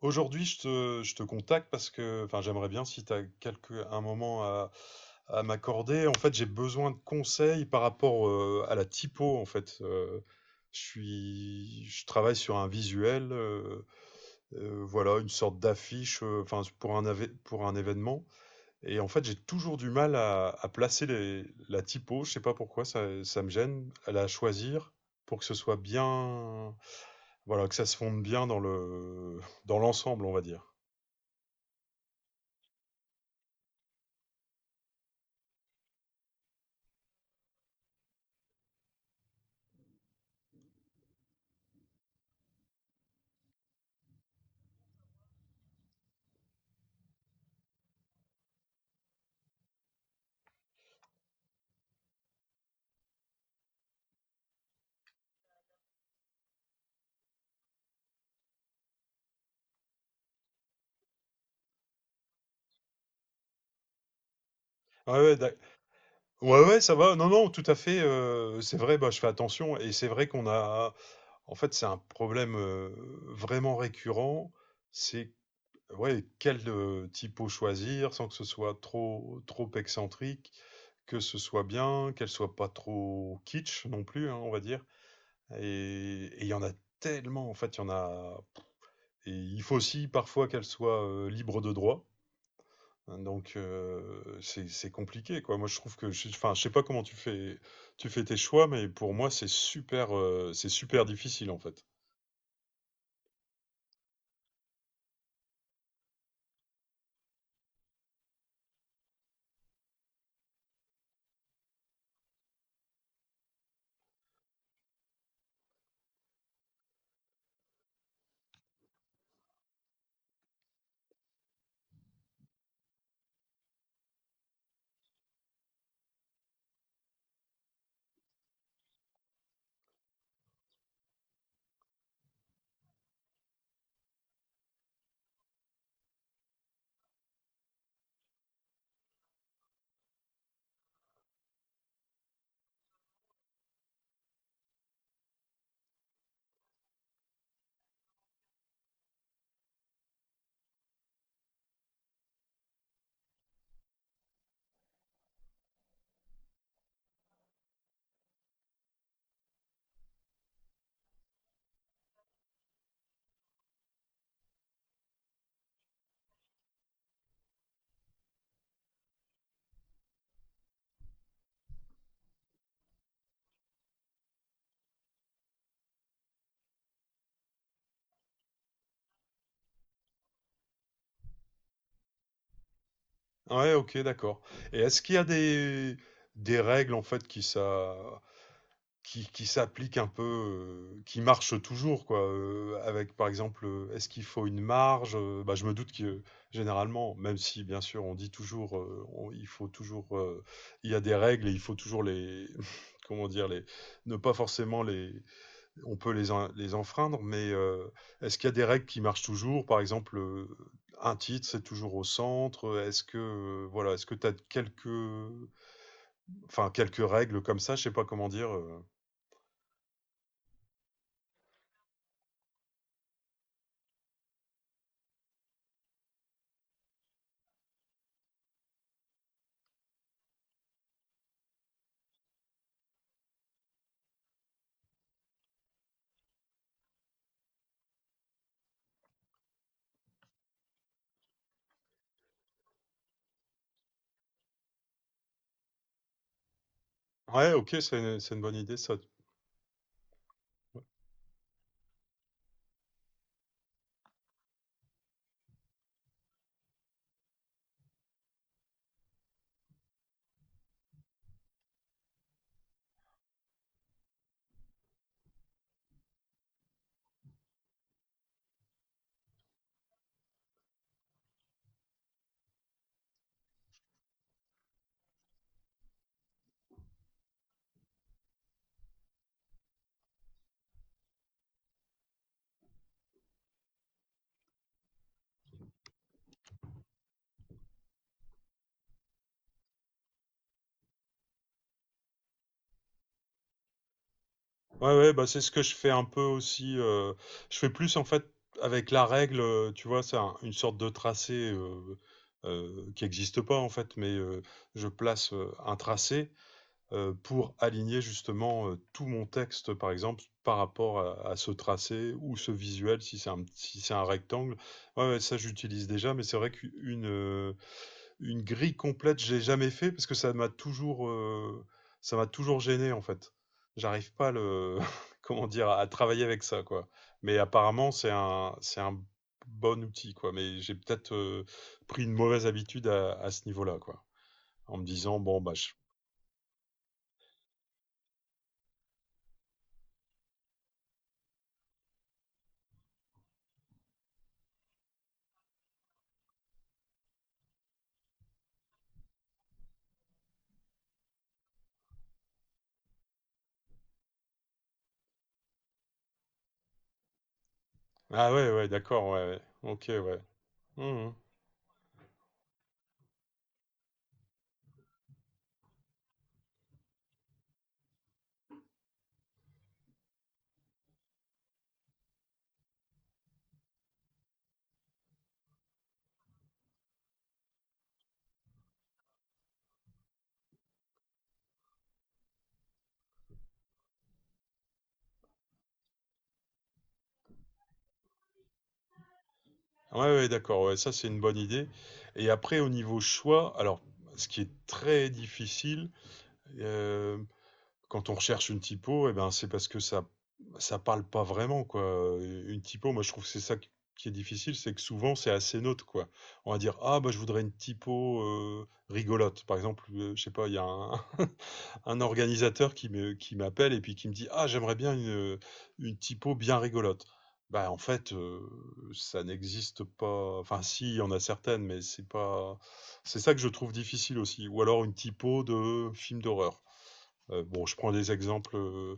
Aujourd'hui, je te contacte parce que, enfin, j'aimerais bien si tu as quelque, un moment à m'accorder. En fait, j'ai besoin de conseils par rapport à la typo, en fait. Je travaille sur un visuel, voilà, une sorte d'affiche, enfin, pour pour un événement. Et en fait, j'ai toujours du mal à placer la typo. Je sais pas pourquoi, ça me gêne, à la choisir pour que ce soit bien, voilà, que ça se fonde bien dans le, dans l'ensemble, on va dire. Ouais, ouais, ouais, ouais, ça va. Non, non, tout à fait. C'est vrai, bah, je fais attention. Et c'est vrai qu'on a. En fait, c'est un problème vraiment récurrent. C'est ouais, quel typo choisir sans que ce soit trop, trop excentrique, que ce soit bien, qu'elle soit pas trop kitsch non plus, hein, on va dire. Et il y en a tellement, en fait, il y en a. Et il faut aussi parfois qu'elle soit libre de droit. Hein, donc c'est compliqué quoi. Moi je trouve que je, enfin je sais pas comment tu fais tes choix mais pour moi c'est super difficile en fait. Ouais, ok, d'accord. Et est-ce qu'il y a des règles en fait qui ça Qui s'applique un peu, qui marche toujours quoi, avec par exemple, est-ce qu'il faut une marge? Bah, je me doute que généralement, même si bien sûr on dit toujours, on il faut toujours, il y a des règles et il faut toujours les comment dire? Les ne pas forcément les on peut les en les enfreindre, mais, est-ce qu'il y a des règles qui marchent toujours? Par exemple, un titre, c'est toujours au centre, est-ce que, voilà, est-ce que tu as quelques enfin quelques règles comme ça? Je sais pas comment dire, Ouais, OK, c'est une bonne idée ça. Ouais, ouais, bah, c'est ce que je fais un peu aussi, je fais plus en fait avec la règle, tu vois? C'est un une sorte de tracé, qui n'existe pas en fait, mais je place, un tracé, pour aligner justement, tout mon texte par exemple par rapport à ce tracé ou ce visuel si c'est un si c'est un rectangle. Ouais, ouais, ça j'utilise déjà, mais c'est vrai qu'une, une grille complète, j'ai jamais fait parce que ça m'a toujours gêné en fait. J'arrive pas à le comment dire? À travailler avec ça quoi. Mais apparemment c'est un bon outil quoi, mais j'ai peut-être, pris une mauvaise habitude à ce niveau-là quoi. En me disant: «Bon bah je». Ah ouais, ouais d'accord, ouais, ouais. OK, ouais. Mmh mmh. Ouais, ouais d'accord, ouais, ça c'est une bonne idée et après au niveau choix, alors ce qui est très difficile, euh, quand on recherche une typo, eh ben, c'est parce que ça parle pas vraiment, quoi. Une typo, moi, je trouve que c'est ça qui est difficile, c'est que souvent, c'est assez neutre quoi. On va dire, ah, bah, je voudrais une typo rigolote. Par exemple, je sais pas, il y a un, un organisateur qui m'appelle et puis qui me dit, ah, j'aimerais bien une typo bien rigolote. Bah, en fait, ça n'existe pas. Enfin, si, il y en a certaines, mais c'est pas. C'est ça que je trouve difficile aussi. Ou alors une typo de film d'horreur. Bon, je prends des exemples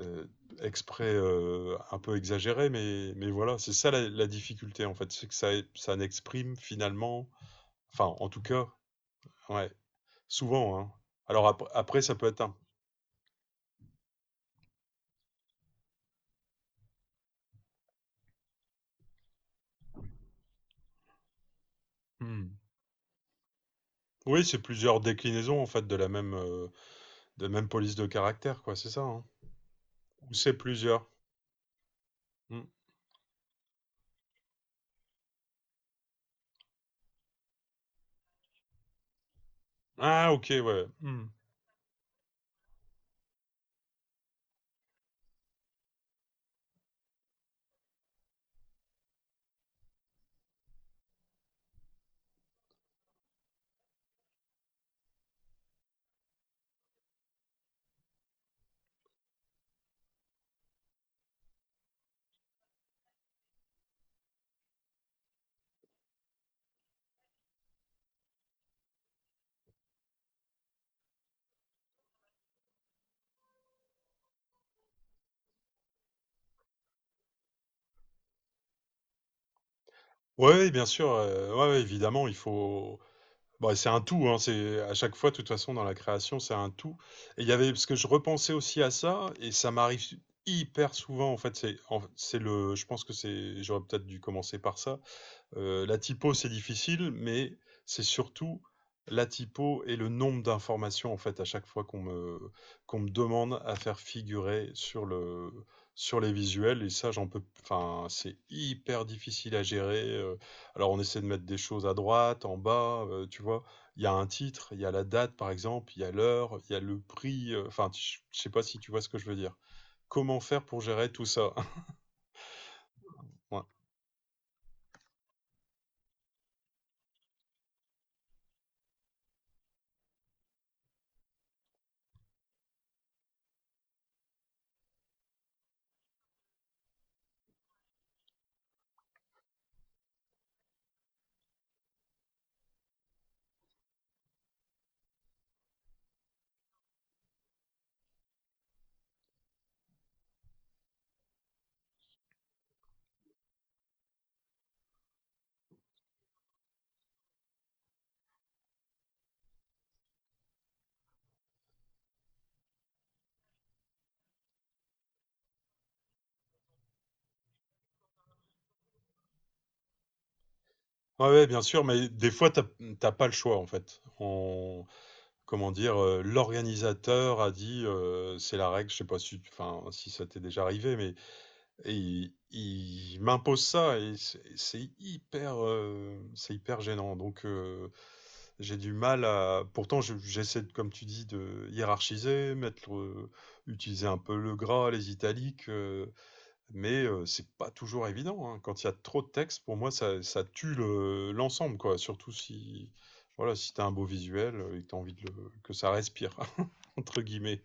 euh, exprès un peu exagérés, mais voilà, c'est ça la, la difficulté en fait, c'est que ça n'exprime finalement, enfin en tout cas, ouais, souvent, hein. Alors après, ça peut être un. Hmm. Oui, c'est plusieurs déclinaisons en fait de la même police de caractère, quoi, c'est ça, hein. Ou c'est plusieurs. Hmm. Ah, ok, ouais. Hmm. Ouais, ouais, bien sûr, ouais, ouais, évidemment, il faut. Bah, c'est un tout, hein, c'est à chaque fois, de toute façon, dans la création, c'est un tout. Et il y avait, parce que je repensais aussi à ça, et ça m'arrive hyper souvent, en fait, c'est, c'est le, je pense que c'est, j'aurais peut-être dû commencer par ça. La typo, c'est difficile, mais c'est surtout la typo et le nombre d'informations en fait à chaque fois qu'on me demande à faire figurer sur le sur les visuels et ça j'en peux enfin c'est hyper difficile à gérer alors on essaie de mettre des choses à droite en bas tu vois il y a un titre il y a la date par exemple il y a l'heure il y a le prix enfin je sais pas si tu vois ce que je veux dire comment faire pour gérer tout ça Ouais. Ouais, ouais, bien sûr, mais des fois, t'as pas le choix, en fait. On, comment dire, l'organisateur a dit, c'est la règle, je sais pas si, enfin, si ça t'est déjà arrivé, mais et il m'impose ça et c'est hyper, c'est hyper gênant. Donc, j'ai du mal à. Pourtant, j'essaie, comme tu dis, de hiérarchiser, mettre, utiliser un peu le gras, les italiques, mais c'est pas toujours évident, hein. Quand il y a trop de texte, pour moi, ça tue l'ensemble, quoi. Surtout si, voilà, si t'as un beau visuel et que t'as envie de que ça respire, entre guillemets.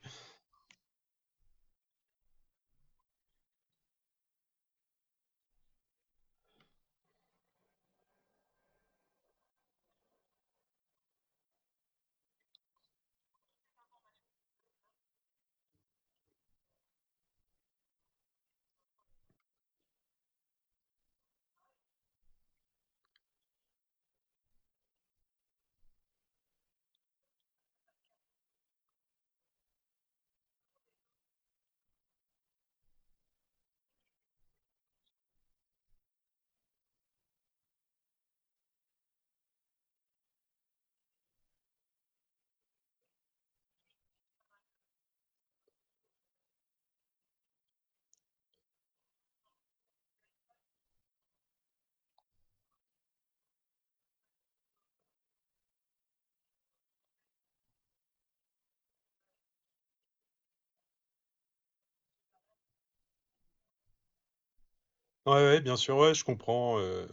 Ouais, ouais, bien sûr, ouais, je comprends,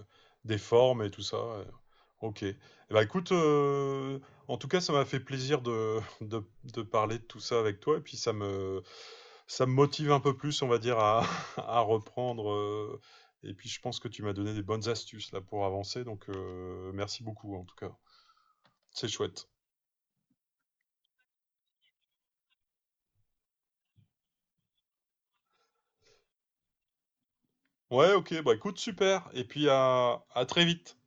des formes et tout ça, OK. Et ben écoute, en tout cas, ça m'a fait plaisir de de parler de tout ça avec toi et puis ça me motive un peu plus, on va dire, à à reprendre, et puis je pense que tu m'as donné des bonnes astuces là pour avancer donc merci beaucoup en tout cas. C'est chouette. Ouais, OK, bah, écoute, super et puis à très vite.